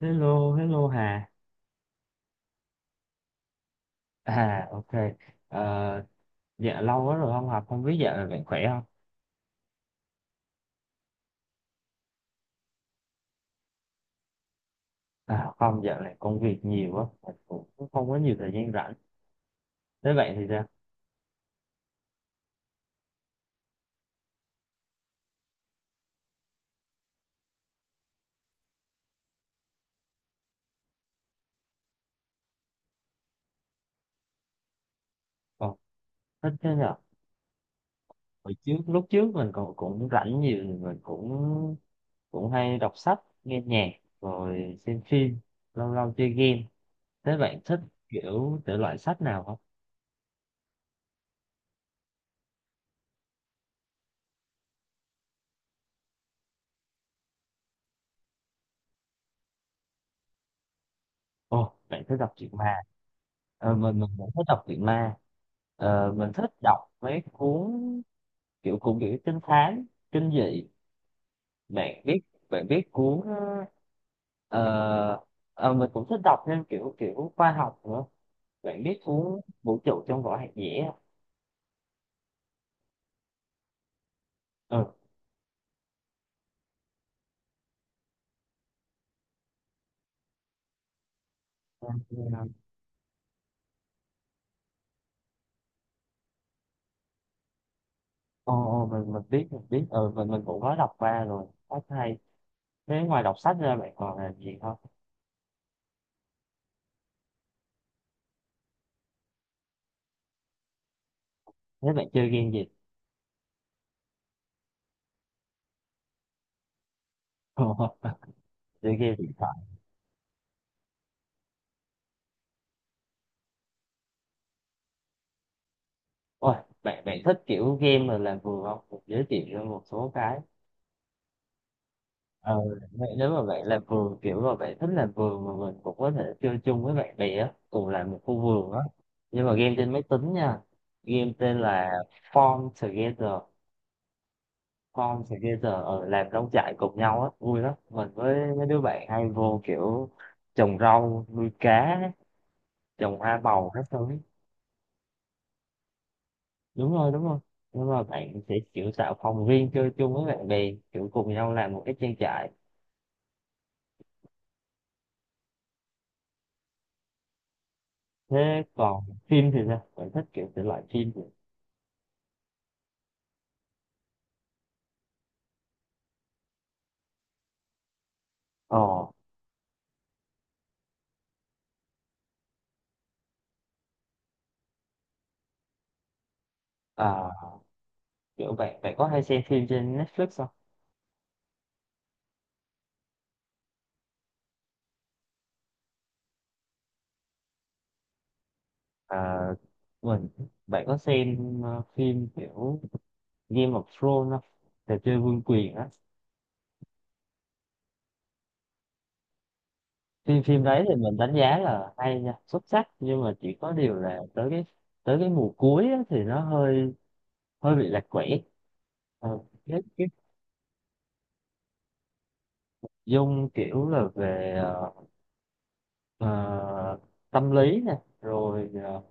Hello, hello Hà. À, ok. Ờ, dạ lâu quá rồi không học, không biết dạo này bạn khỏe không? À, không, dạo này công việc nhiều quá, mình cũng không có nhiều thời gian rảnh. Thế bạn thì sao? Còn thích thế nhở? Hồi trước, lúc trước mình còn cũng rảnh nhiều, mình cũng cũng hay đọc sách, nghe nhạc, rồi xem phim, lâu lâu chơi game. Thế bạn thích kiểu thể loại sách nào không? Ồ, bạn thích đọc truyện ma. Ờ, mình cũng thích đọc truyện ma. Ờ, mình thích đọc mấy cuốn kiểu cũng kiểu trinh thám kinh dị bạn biết bạn biết cuốn ờ, mình cũng thích đọc thêm kiểu kiểu khoa học nữa, bạn biết cuốn vũ trụ trong vỏ hạt dẻ không? Ừ. Ồ, ồ, mình biết mình biết, mình cũng có đọc qua rồi, rất hay. Thế ngoài đọc sách ra bạn còn làm gì không? Thế bạn chơi game gì? Chơi game điện thoại. Ôi, bạn bạn thích kiểu game mà làm vườn không? Mình giới thiệu cho một số cái. Ờ, vậy nếu mà bạn làm vườn kiểu mà bạn thích làm vườn mà mình cũng có thể chơi chung với bạn bè á, cùng làm một khu vườn á. Nhưng mà game trên máy tính nha. Game tên là Farm Together, Farm Together ở làm nông trại cùng nhau á, vui lắm. Mình với mấy đứa bạn hay vô kiểu trồng rau, nuôi cá, trồng hoa màu các thứ. Đúng rồi, đúng rồi. Nhưng mà bạn sẽ kiểu tạo phòng riêng chơi chung với bạn bè, kiểu cùng nhau làm một cái trang trại. Thế còn phim thì sao? Bạn thích kiểu thể loại phim gì? Ờ. À, kiểu bạn bạn có hay xem phim trên Netflix không? À, mình bạn có xem phim kiểu Game of Thrones không? Trò chơi vương quyền á. Phim phim đấy thì mình đánh giá là hay nha, xuất sắc, nhưng mà chỉ có điều là tới cái mùa cuối á, thì nó hơi hơi bị lạc quẻ. Ờ, cái dung kiểu là về ờ, tâm lý nè, rồi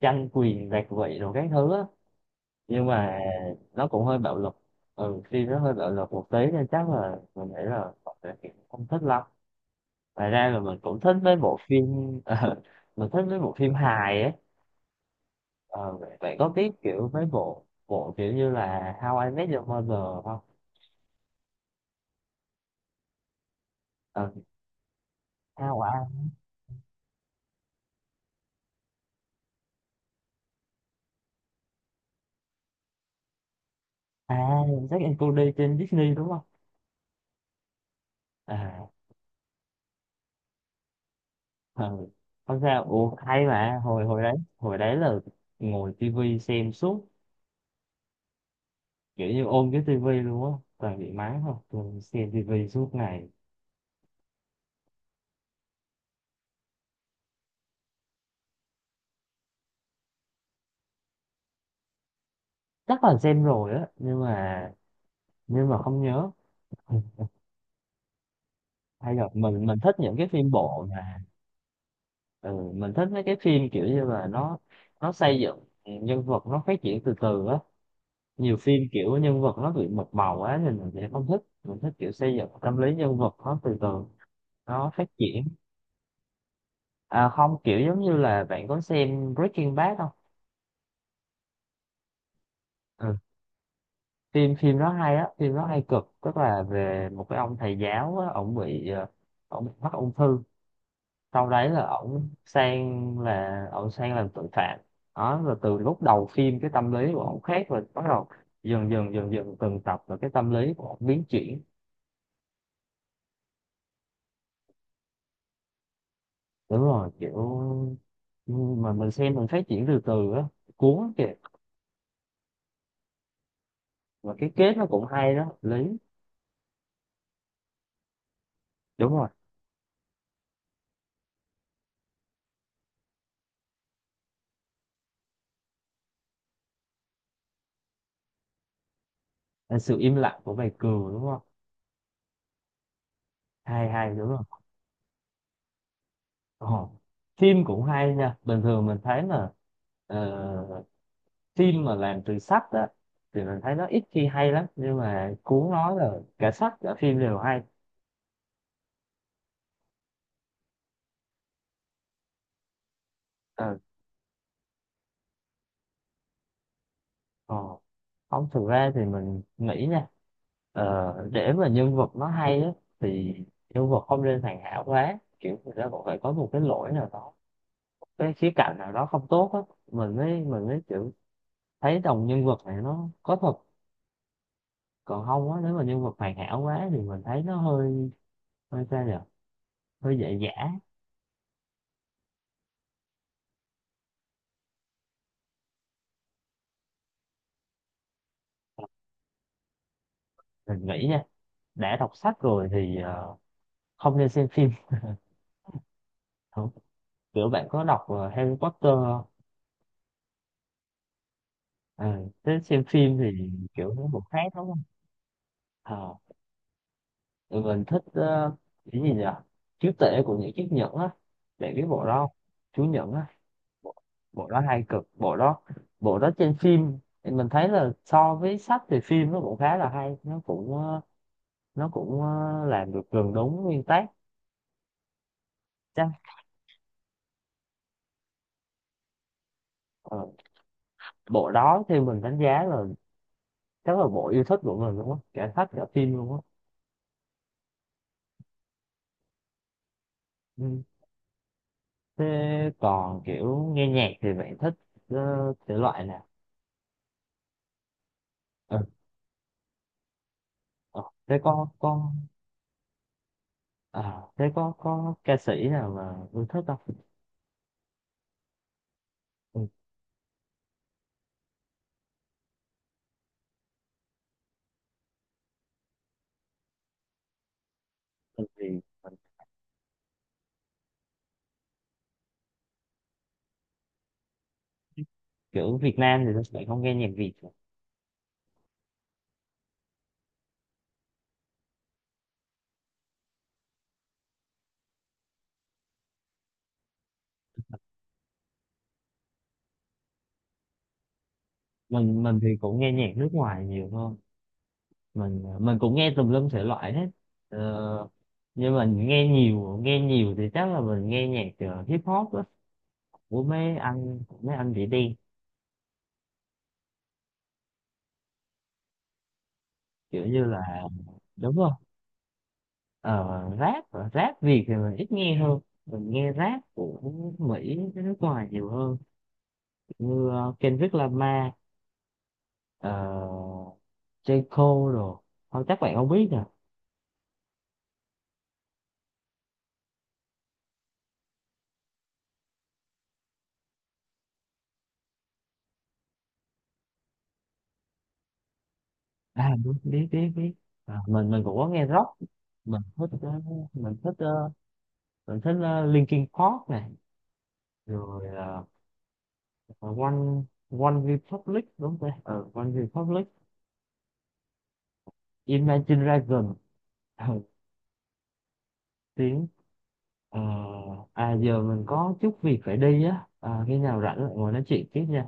tranh quyền đoạt vị rồi các thứ á. Nhưng mà nó cũng hơi bạo lực, ừ phim nó hơi bạo lực một tí nên chắc là mình nghĩ là mọi người cũng không thích lắm. Ngoài ra là mình cũng thích mấy bộ phim. ờ, mình thích mấy bộ phim hài ấy. Ờ, vậy vậy có biết kiểu mấy bộ bộ kiểu như là How I Met Your Mother không? Ờ, How I À, Zack and Cody trên Disney đúng không? À ừ. Không sao, ủa hay mà hồi hồi đấy là ngồi tivi xem suốt, kiểu như ôm cái tivi luôn á, toàn bị mắng thôi tôi xem tivi suốt ngày. Chắc là xem rồi á nhưng mà không nhớ. Ừ, hay là mình thích những cái phim bộ mà ừ, mình thích mấy cái phim kiểu như là nó xây dựng nhân vật, nó phát triển từ từ á. Nhiều phim kiểu nhân vật nó bị một màu quá thì mình sẽ không thích, mình thích kiểu xây dựng tâm lý nhân vật nó từ từ, nó phát triển. À không, kiểu giống như là bạn có xem Breaking Bad không? Ừ, phim phim nó hay á, phim nó hay cực, tức là về một cái ông thầy giáo á, ổng bị ổng bị mắc ung thư, sau đấy là ổng sang làm tội phạm. Đó rồi từ lúc đầu phim cái tâm lý của ổng khác, rồi bắt đầu dần dần từng tập là cái tâm lý của ổng biến chuyển. Đúng rồi, kiểu mà mình xem mình phát triển từ từ á, cuốn lắm kìa. Và cái kết nó cũng hay đó lý. Đúng rồi, là sự im lặng của bài cừu đúng không? Hay hay đúng không? Ồ, phim cũng hay nha. Bình thường mình thấy là ờ, phim mà làm từ sách á thì mình thấy nó ít khi hay lắm, nhưng mà cuốn nói là cả sách cả phim đều hay. Ờ, Ồ, không thực ra thì mình nghĩ nha, để mà nhân vật nó hay á thì nhân vật không nên hoàn hảo quá, kiểu người ta cũng phải có một cái lỗi nào đó, cái khía cạnh nào đó không tốt á, mình mới kiểu thấy đồng nhân vật này nó có thật. Còn không á nếu mà nhân vật hoàn hảo quá thì mình thấy nó hơi hơi sao nhỉ, hơi dễ dã. Mình nghĩ nha, đã đọc sách rồi thì không nên xem phim. Không, kiểu bạn có đọc Harry Potter không? Ừ, thế xem phim thì kiểu nó một khác đúng không? Ờ, tụi mình thích cái gì nhỉ, chúa tể của những chiếc nhẫn á, bạn biết bộ đó không? Chú nhẫn á. bộ, Bộ đó hay cực, bộ đó, bộ đó trên phim thì mình thấy là so với sách thì phim nó cũng khá là hay, nó cũng nó cũng làm được gần đúng nguyên tác. Chắc ờ, bộ đó theo mình đánh giá là chắc là bộ yêu thích của mình luôn á, cả sách cả phim luôn á. Ừ. Thế còn kiểu nghe nhạc thì bạn thích thể loại nào? Ừ. Ờ. thế có À, thế có ca sĩ nào mà yêu thích không? Ừ. Tại vì mình kiểu Việt Nam thì mình không nghe nhạc Việt rồi. Mình thì cũng nghe nhạc nước ngoài nhiều hơn, mình cũng nghe tùm lum thể loại hết. Ờ, nhưng mình nghe nhiều thì chắc là mình nghe nhạc hip hop á, của mấy anh chị đen, kiểu như là đúng không? Ờ, rap Rap Việt thì mình ít nghe hơn, mình nghe rap của Mỹ với nước ngoài nhiều hơn, như Kendrick Lamar, uh, J. Cole, rồi không chắc bạn không biết nè. À đúng, biết biết biết. À, mình cũng có nghe rock. mình thích ờ, mình thích ờ, mình thích Linkin Park này, rồi uh, One One Republic đúng không ta? Ờ, One Republic, Imagine Dragon. Ờ, tiếng Ờ, À giờ mình có chút việc phải đi á, à, khi nào rảnh lại ngồi nói chuyện tiếp nha.